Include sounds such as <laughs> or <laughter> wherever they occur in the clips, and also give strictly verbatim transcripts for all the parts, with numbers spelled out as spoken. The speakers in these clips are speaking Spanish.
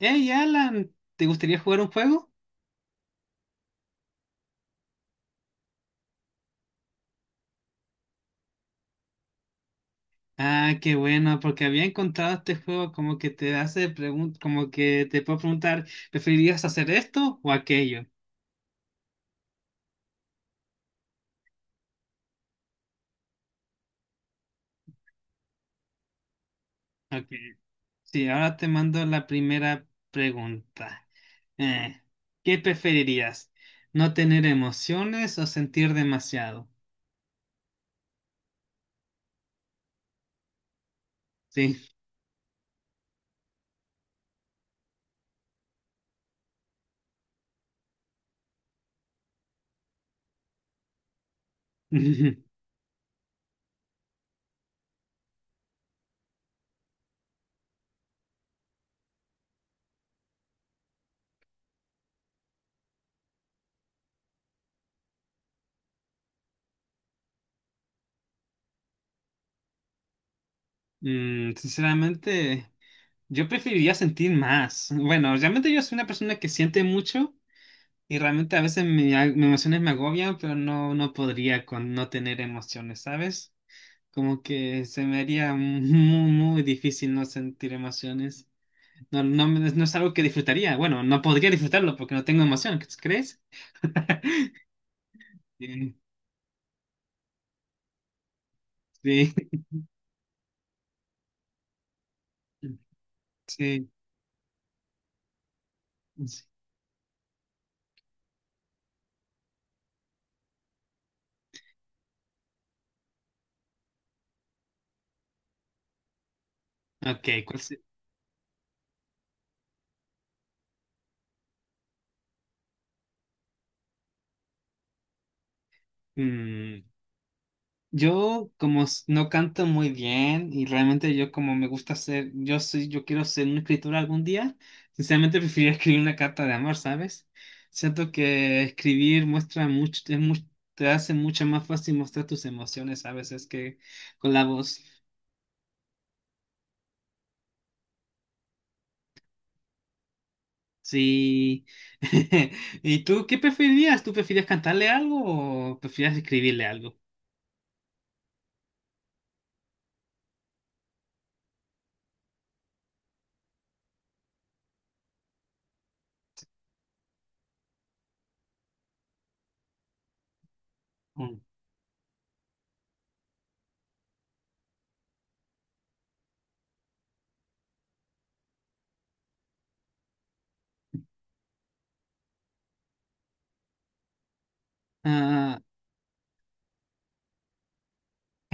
Hey Alan, ¿te gustaría jugar un juego? Ah, qué bueno, porque había encontrado este juego como que te hace preguntas, como que te puedo preguntar, ¿preferirías hacer esto o aquello? Ok, sí, ahora te mando la primera pregunta. Eh, ¿qué preferirías? ¿No tener emociones o sentir demasiado? Sí. <laughs> Mm, sinceramente, yo preferiría sentir más. Bueno, realmente yo soy una persona que siente mucho. Y realmente a veces me a- mis emociones me agobian, pero no, no podría con no tener emociones, ¿sabes? Como que se me haría muy, muy difícil no sentir emociones. No, no, me- no es algo que disfrutaría. Bueno, no podría disfrutarlo porque no tengo emoción, ¿crees? Sí, sí, <laughs> sí. Ok, ¿cuál se- mm, yo como s- no canto muy bien y realmente yo como me gusta ser, yo soy, yo quiero ser un escritor algún día, sinceramente preferiría <laughs> escribir una carta de amor, ¿sabes? Siento que escribir muestra mucho, es mu- te hace mucho más fácil mostrar tus emociones a veces que con la voz. Sí. <laughs> ¿Y tú qué preferirías? ¿Tú preferirías cantarle algo o preferirías escribirle algo? Mm.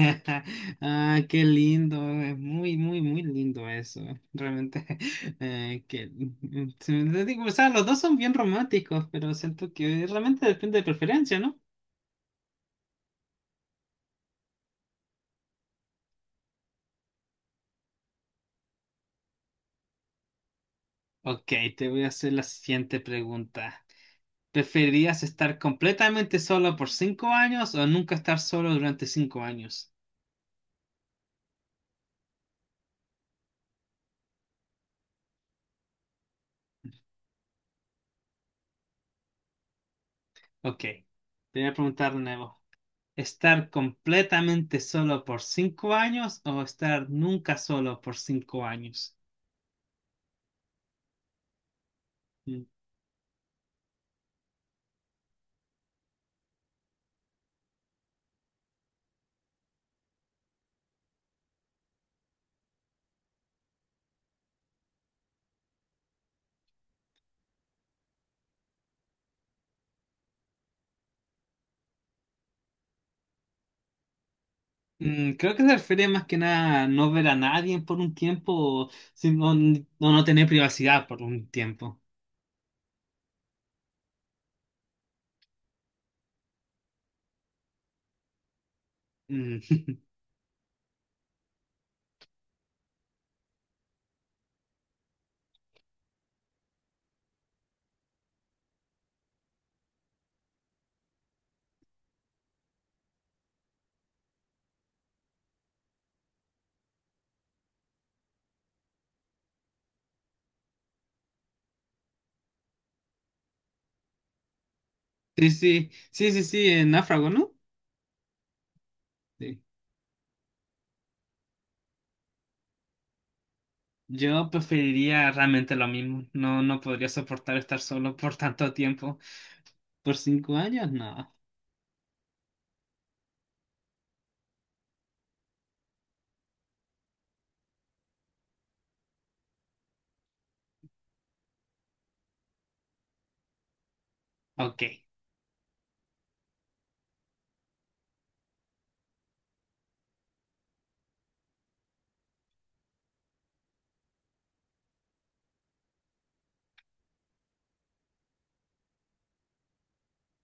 <laughs> Ah, qué lindo, es muy, muy, muy lindo eso. eh, Realmente, <laughs> eh, que, mm, mm, se- te digo, o sea, los dos son bien románticos, pero siento que realmente depende de preferencia, ¿no? Ok, te voy a hacer la siguiente pregunta. ¿Preferirías estar completamente solo por cinco años o nunca estar solo durante cinco años? Ok, te voy a preguntar de nuevo. ¿Estar completamente solo por cinco años o estar nunca solo por cinco años? Mm. Mm, Creo que se refiere más que nada a no ver a nadie por un tiempo, sino, n- o no tener privacidad por un tiempo. Mm, <laughs> sí, sí, sí, sí, sí, en náufrago, ¿no? Sí. Yo preferiría realmente lo mismo. No, no podría soportar estar solo por tanto tiempo. ¿Por cinco años? No. Ok.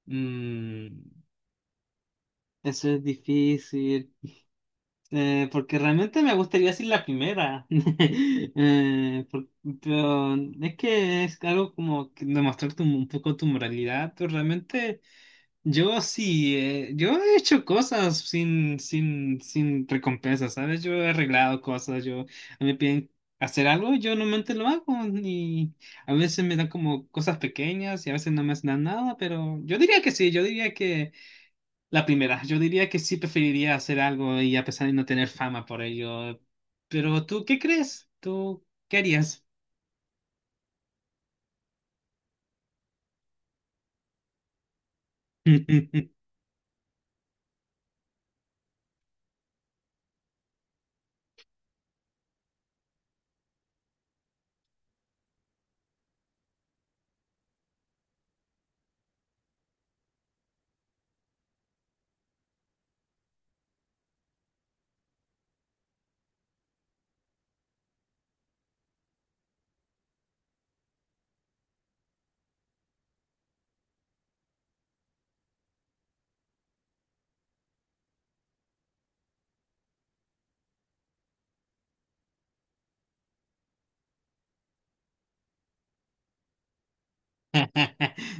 Mm, eso es difícil. Eh, porque realmente me gustaría decir la primera. <laughs> Eh, por- pero es que es algo como que demostrar tu- un poco tu moralidad, pero realmente yo sí, eh, yo he hecho cosas sin, sin, sin recompensa, ¿sabes? Yo he arreglado cosas, yo a mí me piden hacer algo, yo normalmente lo hago, y a veces me dan como cosas pequeñas y a veces no me hacen nada, pero yo diría que sí, yo diría la primera, yo diría que sí preferiría hacer algo y a pesar de no tener fama por ello. Pero tú, ¿qué crees? ¿Tú qué harías? <laughs>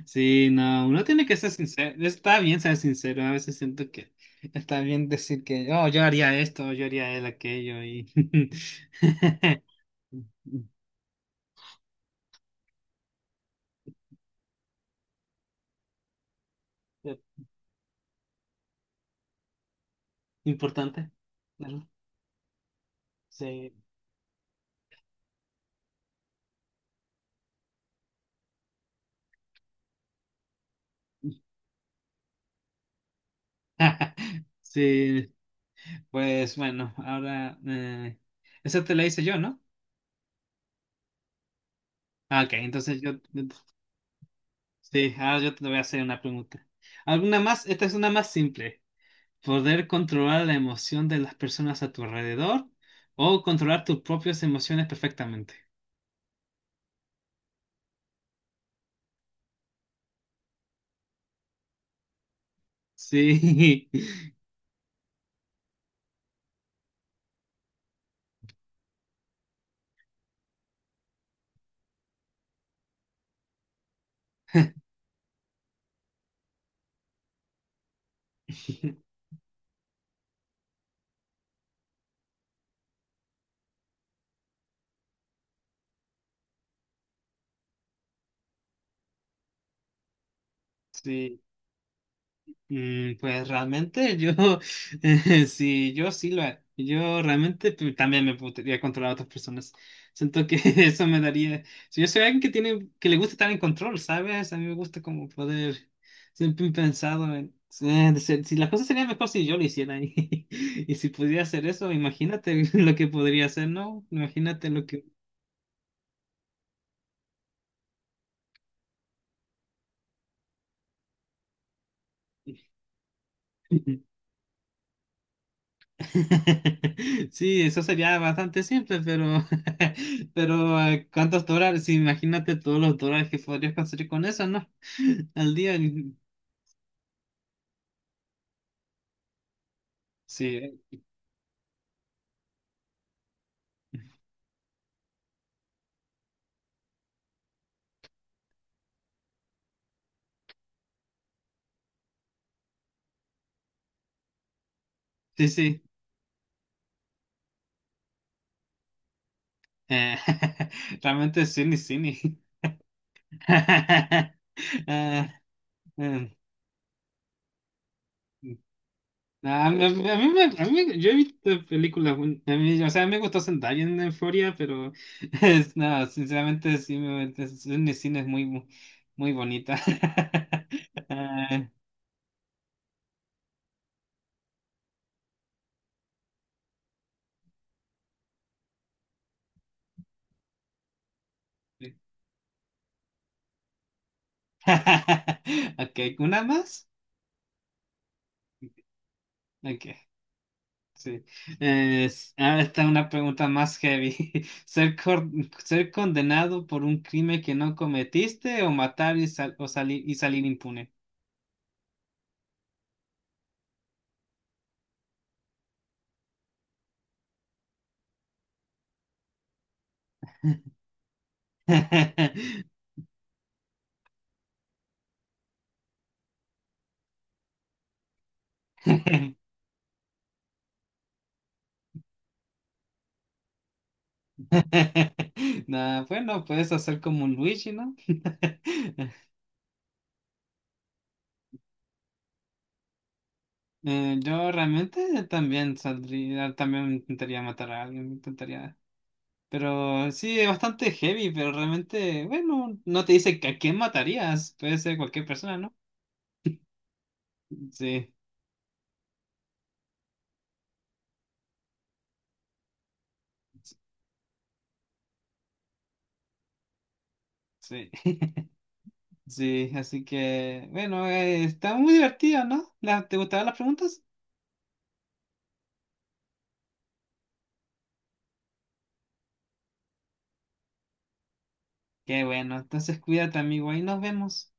Sí, no, uno tiene que ser sincero. Está bien ser sincero. A veces siento que está bien decir que, oh, yo haría esto, yo haría él aquello y <laughs> importante. Claro. Sí, sí. Pues bueno, ahora eh, esa te la hice yo, ¿no? Ah, ok, entonces yo. Sí, ahora yo te voy a hacer una pregunta. ¿Alguna más? Esta es una más simple. ¿Poder controlar la emoción de las personas a tu alrededor o controlar tus propias emociones perfectamente? Sí, <laughs> sí. Mm, pues realmente yo, <laughs> eh, sí, yo sí lo haría. Yo realmente pu- también me podría controlar a otras personas. Siento que <laughs> eso me daría. Si yo soy alguien que tiene, que le gusta estar en control, ¿sabes? A mí me gusta como poder. Siempre he pensado en. eh, de ser- Si las cosas serían mejor si yo lo hiciera <laughs> y, y si pudiera hacer eso, imagínate <laughs> lo que podría hacer, ¿no? Imagínate lo que. <laughs> <laughs> Sí, eso sería bastante simple, pero, <laughs> pero eh, ¿cuántos dólares? Sí, imagínate todos los dólares que podrías conseguir con eso, ¿no? <laughs> Al día. Sí, sí, sí. Eh, <laughs> realmente es cine, cine. <laughs> Ah, eh, mm. Ah, A mí, a mí me- a mí- yo he visto películas, un- a mí, o sea, me gustó Zendaya en Euphoria, pero <laughs> es, no, sinceramente sí, me- es- cine, cine es muy, muy bonita. <laughs> <laughs> Ok, ¿una más? Ok, sí. Es- ahora está una pregunta más heavy. <laughs> ¿Ser, cor- ¿Ser condenado por un crimen que no cometiste o matar y, sal- o salir y salir impune? <laughs> Nah, bueno, puedes hacer como un Luigi, ¿no? <laughs> Eh, yo realmente también saldría, también intentaría matar a alguien, intentaría. Pero sí, es bastante heavy, pero realmente, bueno, no te dice que a quién matarías. Puede ser cualquier persona, ¿no? Sí, sí, <laughs> sí. Así que, bueno, eh, está muy divertido, ¿no? La- ¿te gustaban las preguntas? Qué bueno, entonces cuídate, amigo, ahí nos vemos.